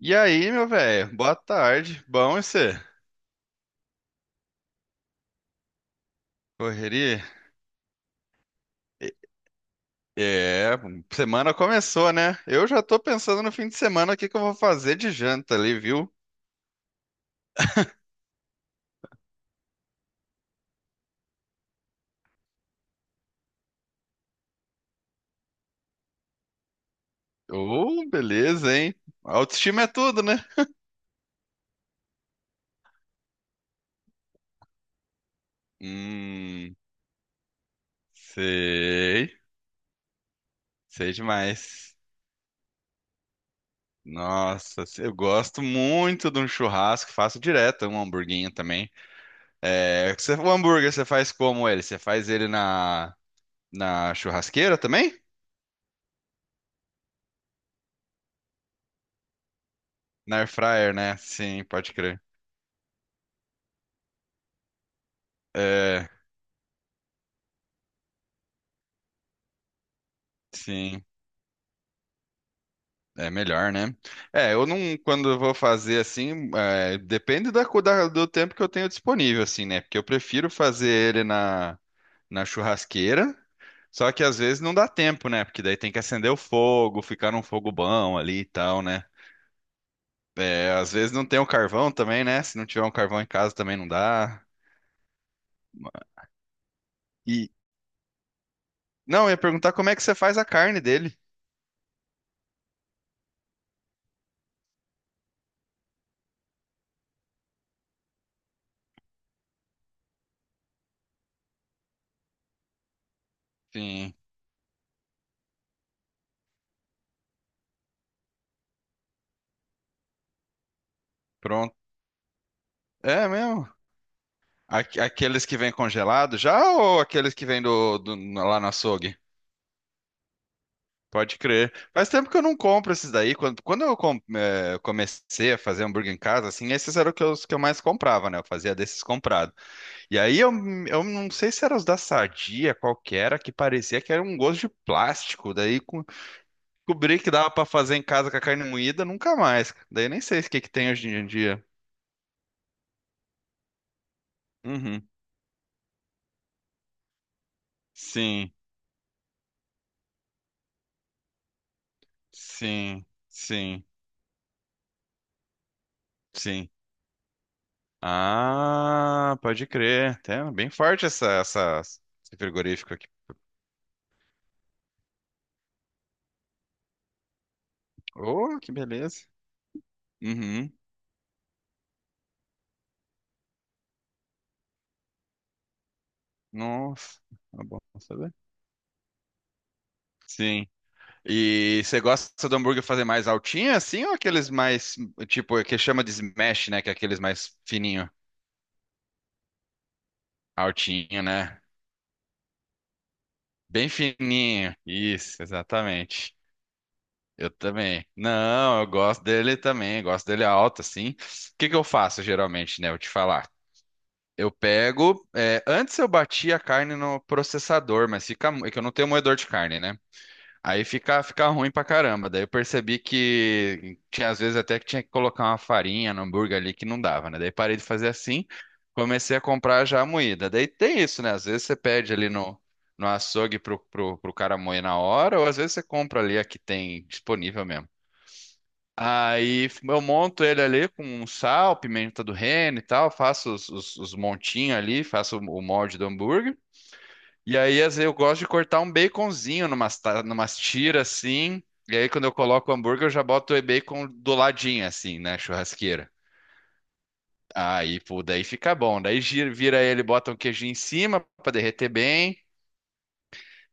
E aí, meu velho? Boa tarde. Bom, e você? Correria? E- É, semana começou, né? Eu já tô pensando no fim de semana o que eu vou fazer de janta ali, viu? Oh, beleza, hein? Autoestima é tudo, né? Hum, sei, sei demais. Nossa, eu gosto muito de um churrasco, faço direto um hamburguinho também. É, o hambúrguer você faz como ele? Você faz ele na churrasqueira também? Na air fryer, né? Sim, pode crer. É, sim, é melhor, né? É, eu não, quando eu vou fazer assim, é, depende do tempo que eu tenho disponível, assim, né? Porque eu prefiro fazer ele na churrasqueira, só que às vezes não dá tempo, né? Porque daí tem que acender o fogo, ficar num fogo bom ali e tal, né? É, às vezes não tem o carvão também, né? Se não tiver um carvão em casa também não dá. E, não, eu ia perguntar como é que você faz a carne dele. Sim, pronto. É mesmo? Aqueles que vêm congelados já ou aqueles que vêm do lá no açougue? Pode crer. Faz tempo que eu não compro esses daí. Quando comecei a fazer hambúrguer em casa, assim, esses eram os que os que eu mais comprava, né? Eu fazia desses comprados. E aí eu, eu não sei se eram os da Sadia, qual que era, que parecia que era um gosto de plástico. Descobri que dava pra fazer em casa com a carne moída, nunca mais. Daí nem sei o que que tem hoje em dia. Uhum. Sim, sim, sim, sim. Ah, pode crer. Tem bem forte esse frigorífico aqui. Oh, que beleza. Uhum. Nossa, tá bom saber. Sim. E você gosta do hambúrguer fazer mais altinho assim ou aqueles mais, tipo, que chama de smash, né? Que é aqueles mais fininho, altinho, né? Bem fininho. Isso, exatamente. Eu também. Não, eu gosto dele também, gosto dele alto, assim. O que que eu faço geralmente, né? Vou te falar. Eu pego. É, antes eu batia a carne no processador, mas fica. É que eu não tenho moedor de carne, né? Aí fica ruim pra caramba. Daí eu percebi que tinha às vezes até que tinha que colocar uma farinha no hambúrguer ali que não dava, né? Daí parei de fazer assim, comecei a comprar já a moída. Daí tem isso, né? Às vezes você pede ali no açougue pro cara moer na hora, ou às vezes você compra ali a que tem disponível mesmo. Aí eu monto ele ali com um sal, pimenta do reino e tal, faço os montinhos ali, faço o molde do hambúrguer. E aí às vezes, eu gosto de cortar um baconzinho numas tiras assim. E aí quando eu coloco o hambúrguer, eu já boto o bacon do ladinho assim, na churrasqueira. Aí, pô, daí fica bom. Daí vira ele, bota um queijinho em cima pra derreter bem.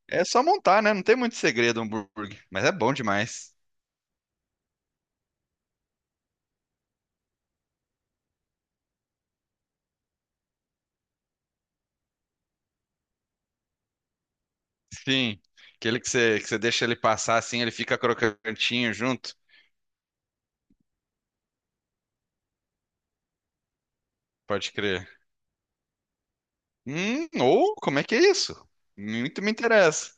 É só montar, né? Não tem muito segredo o hambúrguer, mas é bom demais. Sim, aquele que que você deixa ele passar assim, ele fica crocantinho junto. Pode crer. Ou como é que é isso? Muito me interessa.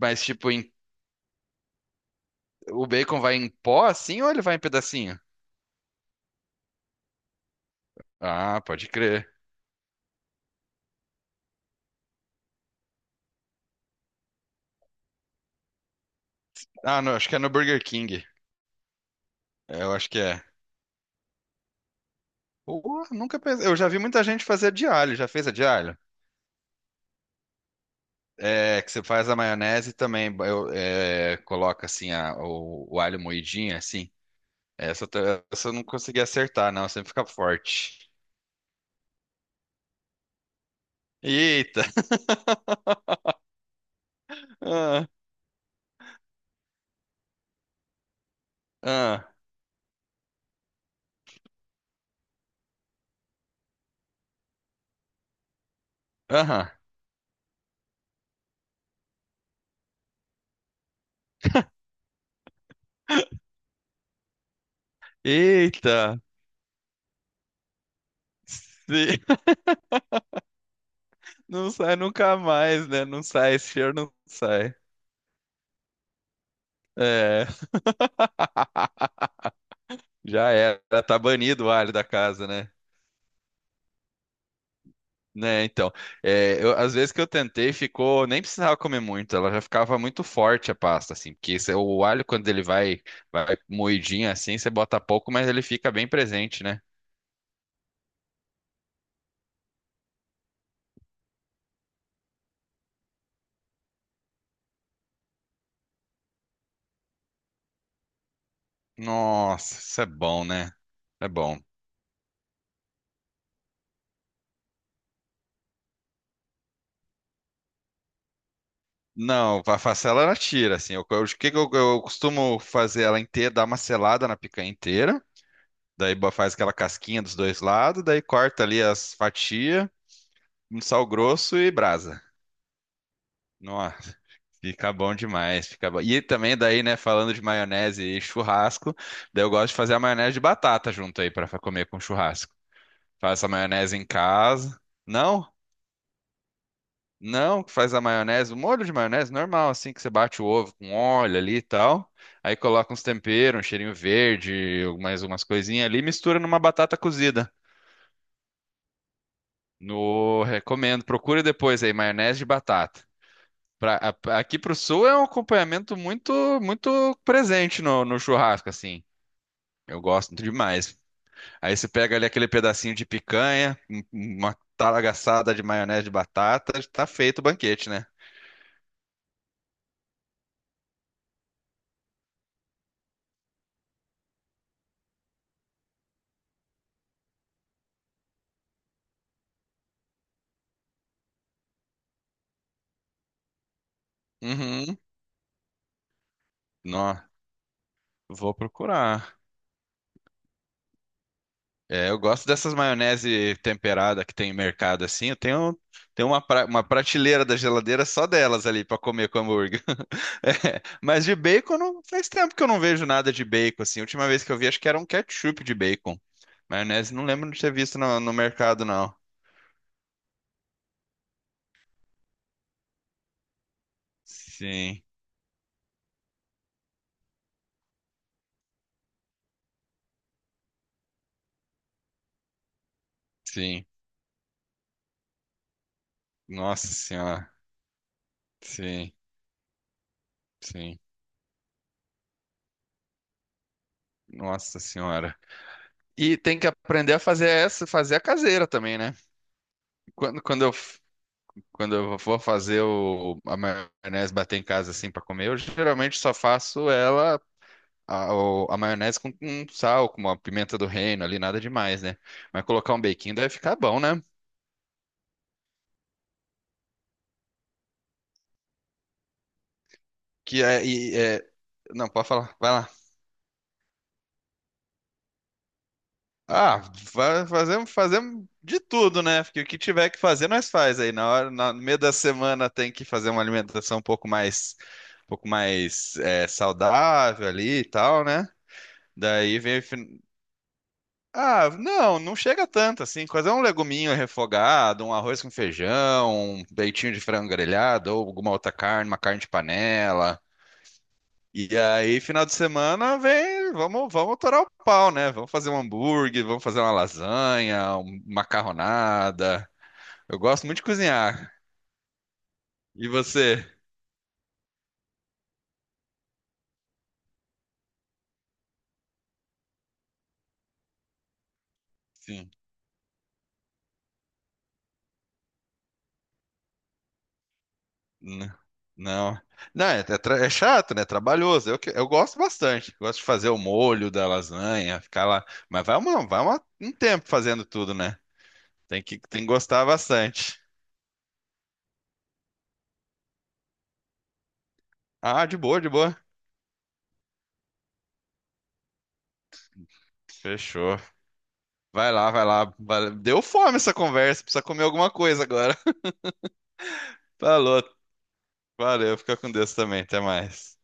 Mas, tipo, o bacon vai em pó assim ou ele vai em pedacinho? Ah, pode crer. Ah, não, acho que é no Burger King. É, eu acho que é. Pô, nunca pensei. Eu já vi muita gente fazer de alho. Já fez a de alho? É, que você faz a maionese também. É, coloca assim o alho moidinho, assim. Essa, eu tô- Essa eu não consegui acertar, não. Sempre fica forte. Eita! Ah, ah, aham. Eita! Sim, não sai nunca mais, né? Não sai, esse cheiro não sai. É, já era, tá banido o alho da casa, né? Né, então, é, às vezes que eu tentei, ficou, nem precisava comer muito, ela já ficava muito forte a pasta, assim, porque o alho quando ele vai, vai moidinho assim, você bota pouco, mas ele fica bem presente, né? Nossa, isso é bom, né? É bom. Não, a facela ela tira, assim, o que que eu costumo fazer ela inteira, dar uma selada na picanha inteira. Daí faz aquela casquinha dos dois lados, daí corta ali as fatias, um sal grosso e brasa. Nossa, fica bom demais, fica bom. E também daí, né, falando de maionese e churrasco, daí eu gosto de fazer a maionese de batata junto aí para comer com churrasco. Faço a maionese em casa. Não? Não, faz a maionese, o molho de maionese normal, assim, que você bate o ovo com óleo ali e tal. Aí coloca uns temperos, um cheirinho verde, mais umas coisinhas ali, mistura numa batata cozida. No, recomendo, procura depois aí, maionese de batata. Pra, Aqui pro sul é um acompanhamento muito muito presente no churrasco, assim. Eu gosto muito demais. Aí você pega ali aquele pedacinho de picanha, uma talagaçada de maionese de batata, tá feito o banquete, né? Uhum. Nó, vou procurar. É, eu gosto dessas maionese temperada que tem em mercado assim. Tenho uma, uma prateleira da geladeira só delas ali para comer com hambúrguer. É, mas de bacon não, faz tempo que eu não vejo nada de bacon assim. A última vez que eu vi acho que era um ketchup de bacon. Maionese não lembro de ter visto no mercado não. Sim, sim. Nossa senhora. Sim, sim. Nossa senhora. E tem que aprender a fazer essa, fazer a caseira também, né? Quando, quando eu Quando eu vou fazer a maionese bater em casa assim para comer, eu geralmente só faço ela, a maionese com sal, com uma pimenta do reino ali, nada demais, né? Mas colocar um bequinho deve ficar bom, né? Que é, e é- Não, pode falar, vai lá. Ah, fazemos, fazemos de tudo, né? Porque o que tiver que fazer, nós faz aí. Na hora, no meio da semana tem que fazer uma alimentação um pouco mais é, saudável ali e tal, né? Daí vem o fin- Ah, não, não chega tanto assim. Quase é um leguminho refogado, um arroz com feijão, um peitinho de frango grelhado ou alguma outra carne, uma carne de panela. E aí, final de semana, vem, vamos torar o pau, né? Vamos fazer um hambúrguer, vamos fazer uma lasanha, uma macarronada. Eu gosto muito de cozinhar. E você? N- Não. Não, é, é chato, né? É trabalhoso. Eu gosto bastante. Gosto de fazer o molho da lasanha, ficar lá. Mas vai, uma, vai um tempo fazendo tudo, né? Tem que gostar bastante. Ah, de boa, de boa. Fechou. Vai lá, vai lá. Deu fome essa conversa. Precisa comer alguma coisa agora. Falou. Valeu. Fica com Deus também. Até mais.